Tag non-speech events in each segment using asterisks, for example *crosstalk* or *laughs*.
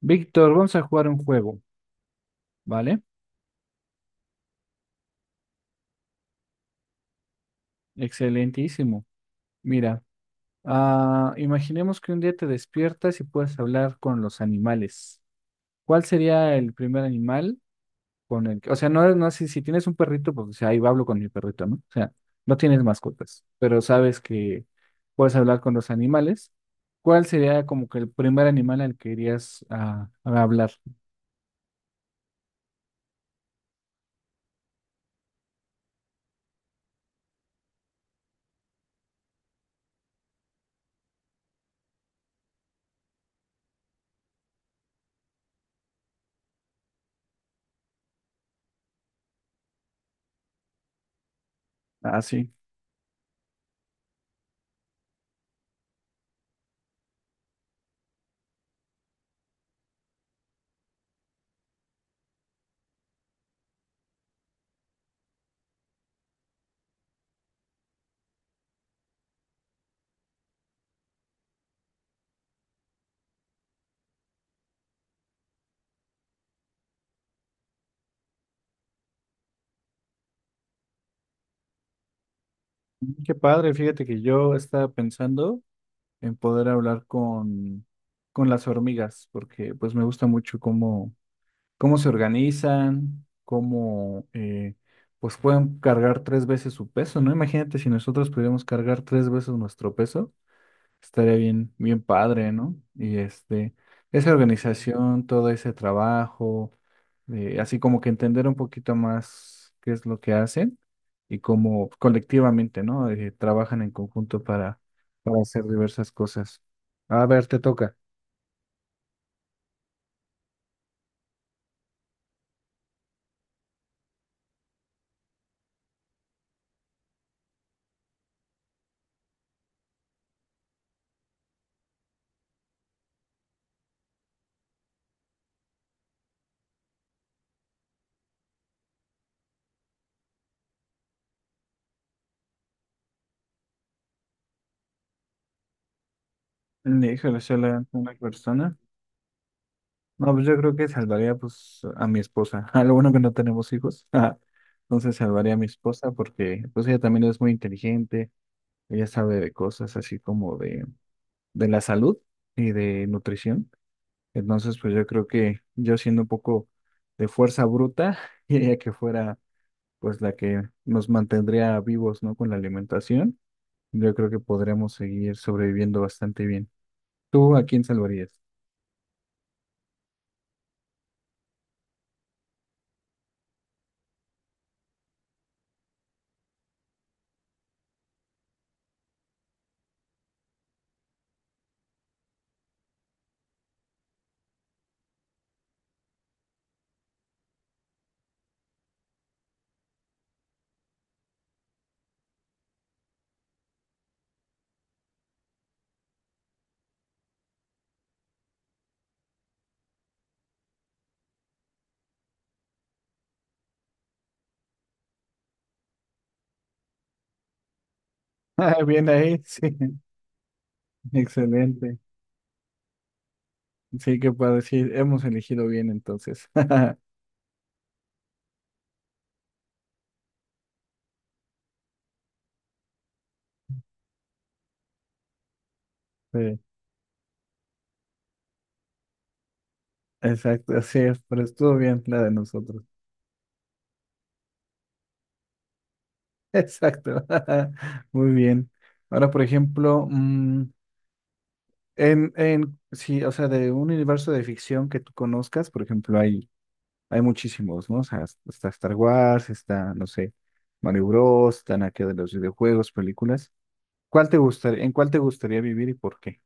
Víctor, vamos a jugar un juego, ¿vale? Excelentísimo. Mira, imaginemos que un día te despiertas y puedes hablar con los animales. ¿Cuál sería el primer animal con el que, o sea, no, sé si tienes un perrito, pues o sea, ahí hablo con mi perrito, ¿no? O sea, no tienes mascotas, pero sabes que puedes hablar con los animales. ¿Cuál sería como que el primer animal al que irías a hablar? Así. Qué padre, fíjate que yo estaba pensando en poder hablar con las hormigas, porque pues me gusta mucho cómo, cómo se organizan, cómo pues pueden cargar tres veces su peso, ¿no? Imagínate si nosotros pudiéramos cargar tres veces nuestro peso, estaría bien, bien padre, ¿no? Y este, esa organización, todo ese trabajo, así como que entender un poquito más qué es lo que hacen y cómo colectivamente, ¿no? Trabajan en conjunto para hacer diversas cosas. A ver, te toca. Híjole, solo a una persona. No, pues yo creo que salvaría pues a mi esposa. *laughs* Ah, lo bueno que no tenemos hijos. *laughs* Entonces salvaría a mi esposa porque pues ella también es muy inteligente. Ella sabe de cosas así como de la salud y de nutrición. Entonces, pues yo creo que yo siendo un poco de fuerza bruta, *laughs* diría que fuera pues la que nos mantendría vivos, ¿no? Con la alimentación, yo creo que podríamos seguir sobreviviendo bastante bien. ¿Tú a quién salvarías? *laughs* Ah, bien ahí, sí, *laughs* excelente. Sí, que para decir, hemos elegido bien entonces. *laughs* Sí, exacto, así es, pero estuvo bien la de nosotros. *laughs* Exacto, *laughs* muy bien. Ahora, por ejemplo, sí, o sea, de un universo de ficción que tú conozcas, por ejemplo, hay muchísimos, ¿no? O sea, está Star Wars, está, no sé, Mario Bros, están aquí de los videojuegos, películas. ¿Cuál te gustaría, en cuál te gustaría vivir y por qué?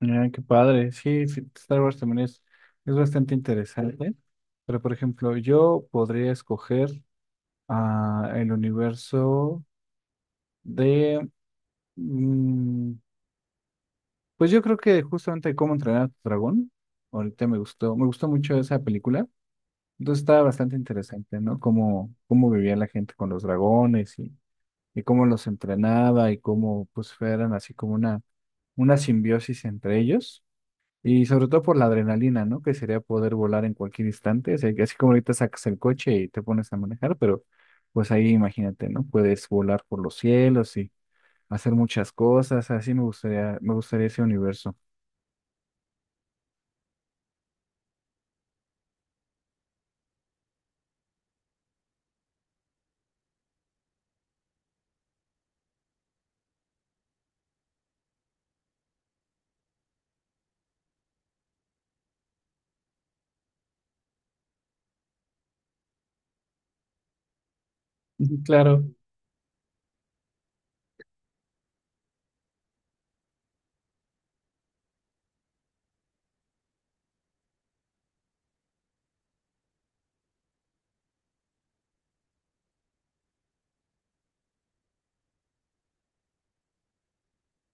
Ah, qué padre. Sí, sí, Star Wars también es bastante interesante. Pero, por ejemplo, yo podría escoger el universo de... pues yo creo que justamente cómo entrenar a tu dragón, ahorita me gustó mucho esa película. Entonces estaba bastante interesante, ¿no? Cómo, cómo vivía la gente con los dragones y cómo los entrenaba y cómo pues eran así como una simbiosis entre ellos. Y sobre todo por la adrenalina, ¿no? Que sería poder volar en cualquier instante. O sea, que así como ahorita sacas el coche y te pones a manejar, pero pues ahí imagínate, ¿no? Puedes volar por los cielos y hacer muchas cosas. Así me gustaría ese universo. Ujú, claro.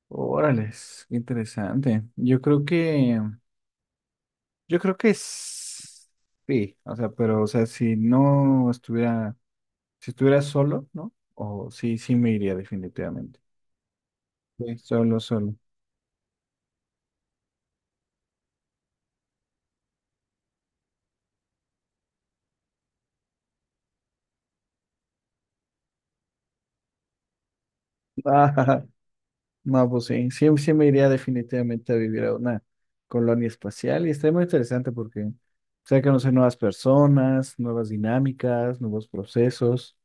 Órale, qué interesante. Yo creo que sí, o sea, pero, o sea, si no estuviera, si estuviera solo, ¿no? O sí, sí me iría definitivamente. Sí. Solo, solo. Ah, *laughs* no, pues sí, sí, sí me iría definitivamente a vivir a una colonia espacial y está muy interesante porque, o sea, conocer nuevas personas, nuevas dinámicas, nuevos procesos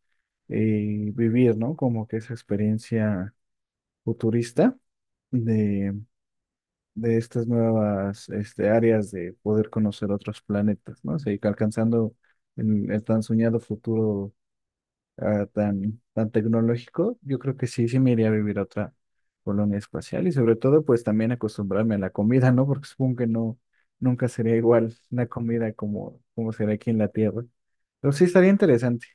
y vivir, ¿no? Como que esa experiencia futurista de, de estas nuevas este, áreas de poder conocer otros planetas, ¿no? O sea, y alcanzando el tan soñado futuro tan, tan tecnológico, yo creo que sí, sí me iría a vivir a otra colonia espacial y sobre todo pues también acostumbrarme a la comida, ¿no? Porque supongo que no, nunca sería igual la comida como, como será aquí en la Tierra. Pero sí estaría interesante.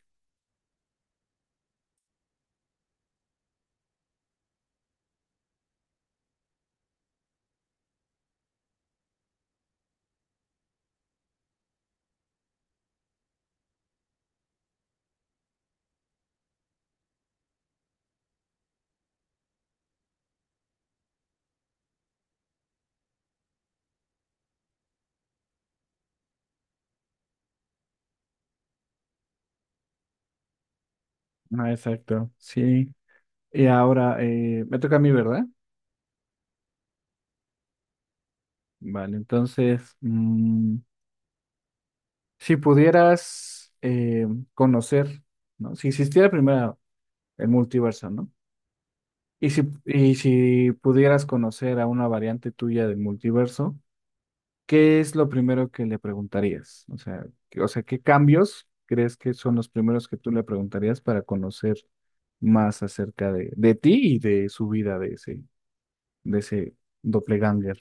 Ah, exacto, sí. Y ahora me toca a mí, ¿verdad? Vale, entonces, si pudieras conocer, ¿no? Si existiera primero el multiverso, ¿no? Y si pudieras conocer a una variante tuya del multiverso, ¿qué es lo primero que le preguntarías? O sea, o sea, ¿qué cambios crees que son los primeros que tú le preguntarías para conocer más acerca de ti y de su vida, de ese doppelganger?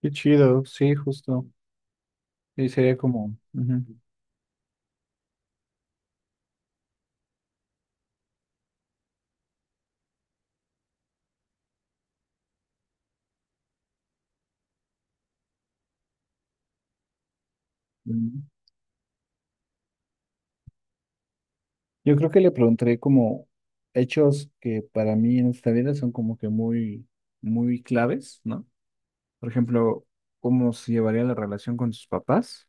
Qué chido, sí, justo. Y sería como... ujú. Yo creo que le preguntaré como hechos que para mí en esta vida son como que muy, muy claves, ¿no? Por ejemplo, cómo se llevaría la relación con sus papás.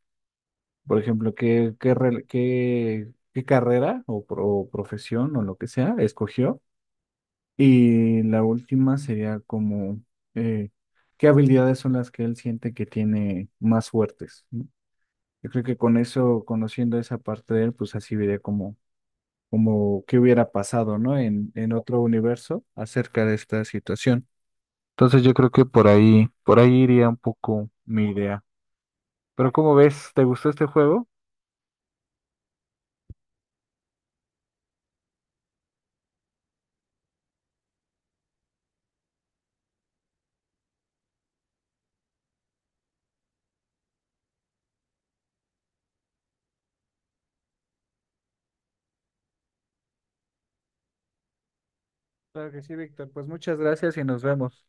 Por ejemplo, qué, qué carrera o profesión o lo que sea escogió. Y la última sería como eh, qué habilidades son las que él siente que tiene más fuertes, ¿no? Yo creo que con eso, conociendo esa parte de él, pues así vería como como qué hubiera pasado, ¿no? En otro universo acerca de esta situación. Entonces yo creo que por ahí iría un poco mi idea. Pero ¿cómo ves? ¿Te gustó este juego? Claro que sí, Víctor. Pues muchas gracias y nos vemos.